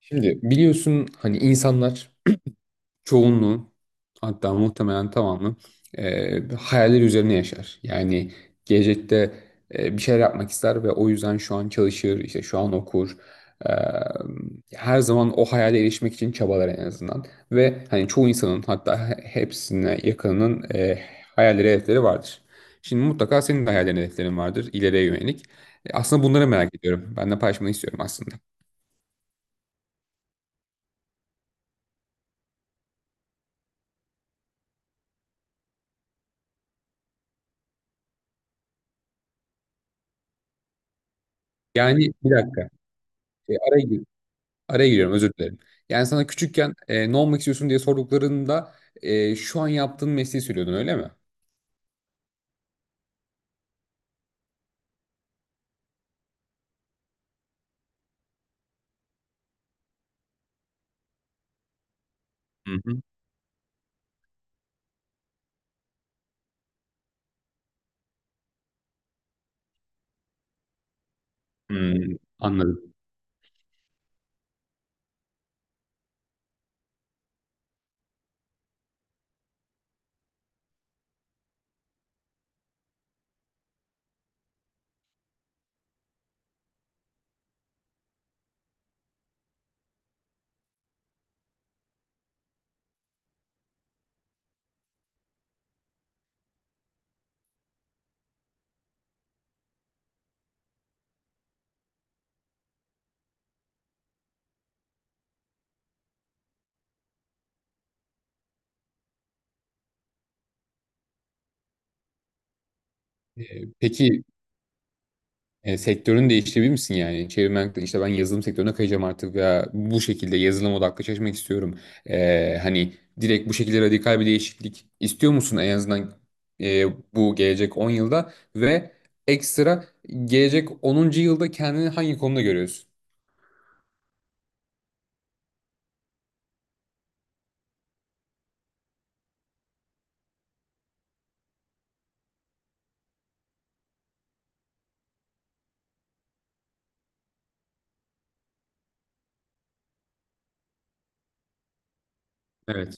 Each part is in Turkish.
Şimdi biliyorsun hani insanlar çoğunluğu, hatta muhtemelen tamamı hayaller üzerine yaşar. Yani gelecekte bir şeyler yapmak ister ve o yüzden şu an çalışır, işte şu an okur. E, her zaman o hayale erişmek için çabalar en azından. Ve hani çoğu insanın, hatta hepsine yakınının hayalleri, hedefleri vardır. Şimdi mutlaka senin de hayallerin, hedeflerin vardır ileriye yönelik. Aslında bunları merak ediyorum. Ben de paylaşmanı istiyorum aslında. Yani bir dakika. E, araya gir- Araya giriyorum, özür dilerim. Yani sana küçükken ne olmak istiyorsun diye sorduklarında şu an yaptığın mesleği söylüyordun, öyle mi? Hı hı. Hmm, anladım. E, peki sektörün değiştirebilir misin yani? Çevirmen, işte ben yazılım sektörüne kayacağım artık veya bu şekilde yazılım odaklı çalışmak istiyorum. Hani direkt bu şekilde radikal bir değişiklik istiyor musun en azından, e, bu gelecek 10 yılda ve ekstra gelecek 10'uncu yılda kendini hangi konuda görüyorsun? Evet.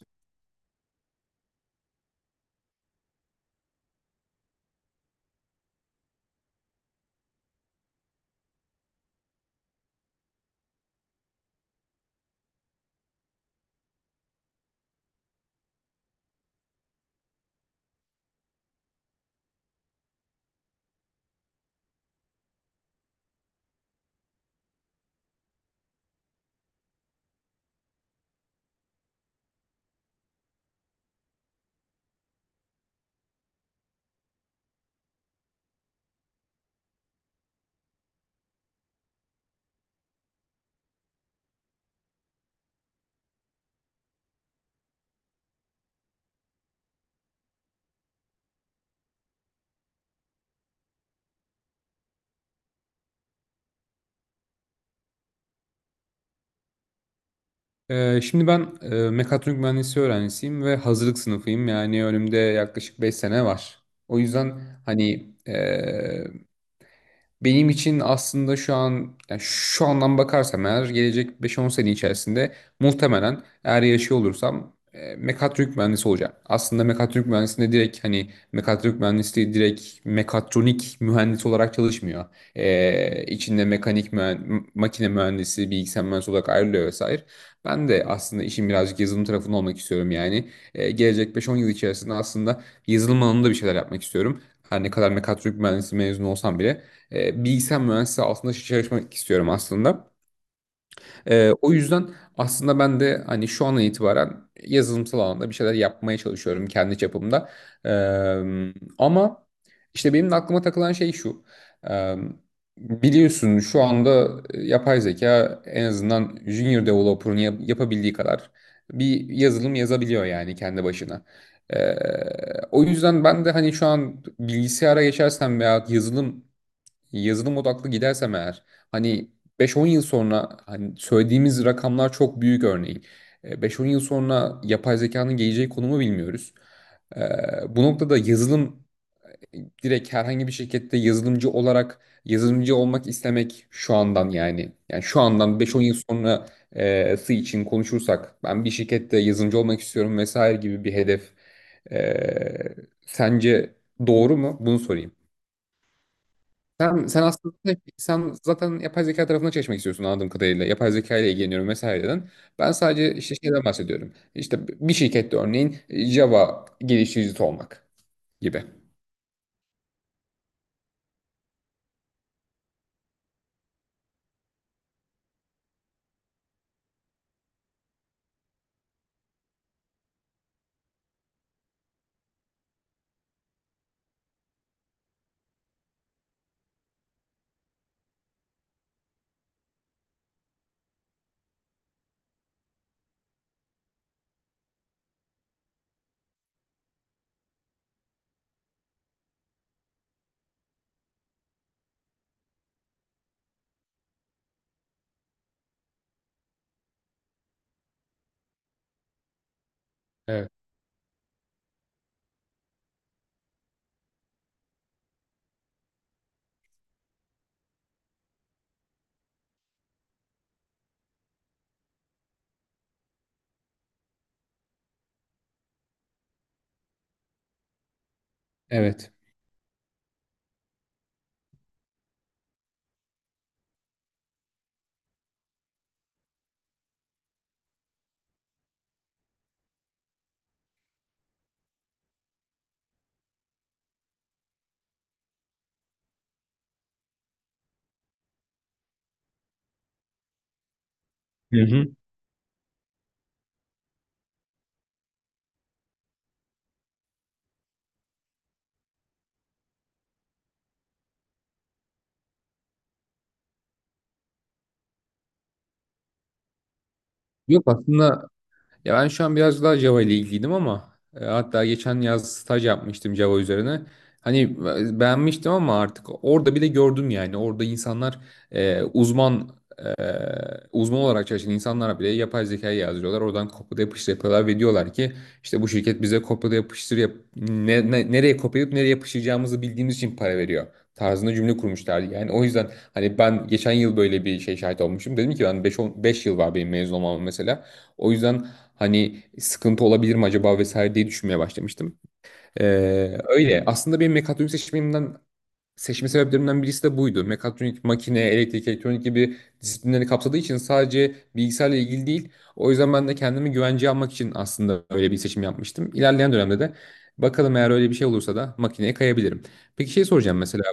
Şimdi ben mekatronik mühendisi öğrencisiyim ve hazırlık sınıfıyım. Yani önümde yaklaşık 5 sene var. O yüzden hani benim için aslında şu an, yani şu andan bakarsam eğer gelecek beş on sene içerisinde, muhtemelen eğer yaşıyor olursam, mekatronik mühendisi olacağım. Aslında mekatronik mühendisinde direkt, hani mekatronik mühendisliği, direkt mekatronik mühendis olarak çalışmıyor. E, içinde makine mühendisi, bilgisayar mühendisi olarak ayrılıyor vesaire. Ben de aslında işin birazcık yazılım tarafında olmak istiyorum yani. Gelecek beş on yıl içerisinde aslında yazılım alanında bir şeyler yapmak istiyorum. Her ne kadar mekatronik mühendisi mezunu olsam bile, bilgisayar mühendisliği altında çalışmak istiyorum aslında. O yüzden aslında ben de hani şu an itibaren yazılımsal alanda bir şeyler yapmaya çalışıyorum kendi çapımda. E, ama işte benim de aklıma takılan şey şu. E, biliyorsun şu anda yapay zeka en azından junior developer'ın yapabildiği kadar bir yazılım yazabiliyor yani, kendi başına. E, o yüzden ben de hani şu an bilgisayara geçersem veya yazılım odaklı gidersem eğer, hani 5-10 yıl sonra, hani söylediğimiz rakamlar çok büyük örneğin. 5-10 yıl sonra yapay zekanın geleceği konumu bilmiyoruz. Bu noktada yazılım e, direkt herhangi bir şirkette yazılımcı olarak, yazılımcı olmak istemek şu andan yani. Yani şu andan 5-10 yıl sonrası için konuşursak, ben bir şirkette yazılımcı olmak istiyorum vesaire gibi bir hedef, e, sence doğru mu? Bunu sorayım. Sen aslında şey, sen zaten yapay zeka tarafına çalışmak istiyorsun anladığım kadarıyla. Yapay zeka ile ilgileniyorum vesaireden. Ben sadece işte şeyden bahsediyorum. İşte bir şirkette örneğin Java geliştiricisi olmak gibi. Evet. Evet. Hı hı. Yok aslında. Ya ben şu an biraz daha Java ile ilgiliydim, ama hatta geçen yaz staj yapmıştım Java üzerine. Hani beğenmiştim ama artık orada bile gördüm yani. Orada insanlar e, uzman e, uzman olarak çalışan insanlar bile yapay zekayı yazdırıyorlar. Oradan kopyala yapıştır yapıyorlar ve diyorlar ki işte bu şirket bize kopyala yapıştır yap, nereye kopyalayıp nereye yapıştıracağımızı bildiğimiz için para veriyor tarzında cümle kurmuşlardı. Yani o yüzden hani ben geçen yıl böyle bir şey şahit olmuşum. Dedim ki ben 5 yıl var benim mezun olmam mesela. O yüzden hani sıkıntı olabilir mi acaba vesaire diye düşünmeye başlamıştım. Öyle. Aslında benim mekatronik seçmemden, seçme sebeplerimden birisi de buydu. Mekatronik, makine, elektrik, elektronik gibi disiplinleri kapsadığı için sadece bilgisayarla ilgili değil. O yüzden ben de kendimi güvenceye almak için aslında öyle bir seçim yapmıştım. İlerleyen dönemde de bakalım, eğer öyle bir şey olursa da makineye kayabilirim. Peki, şey soracağım mesela.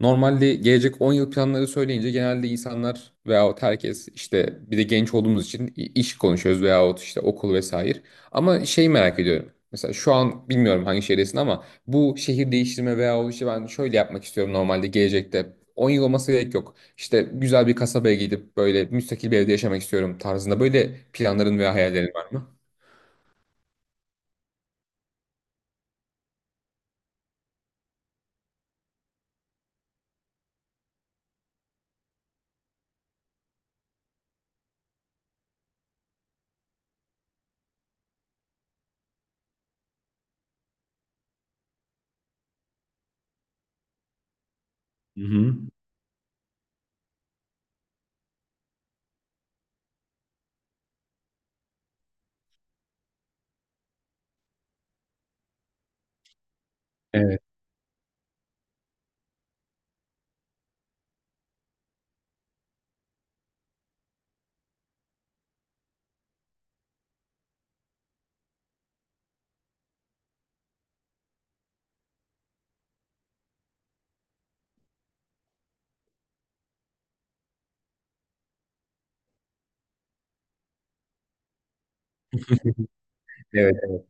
Normalde gelecek 10 yıl planları söyleyince genelde insanlar veyahut herkes, işte bir de genç olduğumuz için iş konuşuyoruz veyahut işte okul vesaire. Ama şey merak ediyorum. Mesela şu an bilmiyorum hangi şehirdesin, ama bu şehir değiştirme veyahut işte ben şöyle yapmak istiyorum normalde gelecekte. 10 yıl olması gerek yok. İşte güzel bir kasabaya gidip böyle müstakil bir evde yaşamak istiyorum tarzında böyle planların veya hayallerin var mı? Hı hı. Evet. Evet.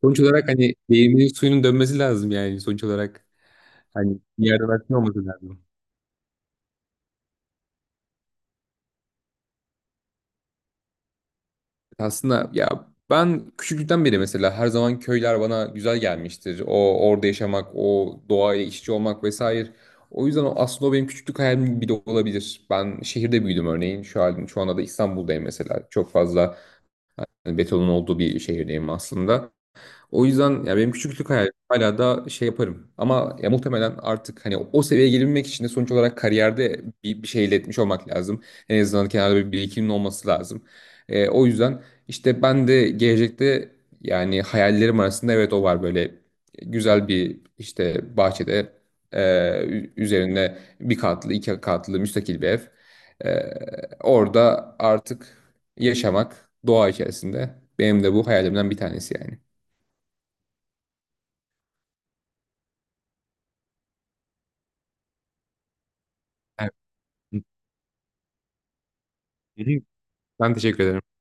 Sonuç olarak hani değirmenin suyunun dönmesi lazım yani, sonuç olarak. Hani bir yerden aklın olması lazım. Aslında ya ben küçüklükten beri mesela her zaman köyler bana güzel gelmiştir. Orada yaşamak, o doğayla iç içe olmak vesaire. O yüzden o, aslında o benim küçüklük hayalim bile olabilir. Ben şehirde büyüdüm örneğin. Şu anda da İstanbul'dayım mesela. Çok fazla hani betonun olduğu bir şehirdeyim aslında. O yüzden ya benim küçüklük hayalim hala da şey yaparım. Ama ya muhtemelen artık hani o seviyeye gelebilmek için de sonuç olarak kariyerde bir şey elde etmiş olmak lazım. En azından kenarda bir birikimin olması lazım. O yüzden işte ben de gelecekte, yani hayallerim arasında evet o var, böyle güzel bir, işte bahçede e, üzerinde bir katlı iki katlı müstakil bir ev. Orada artık yaşamak doğa içerisinde, benim de bu hayalimden bir tanesi yani. Hı hı. Ben teşekkür ederim.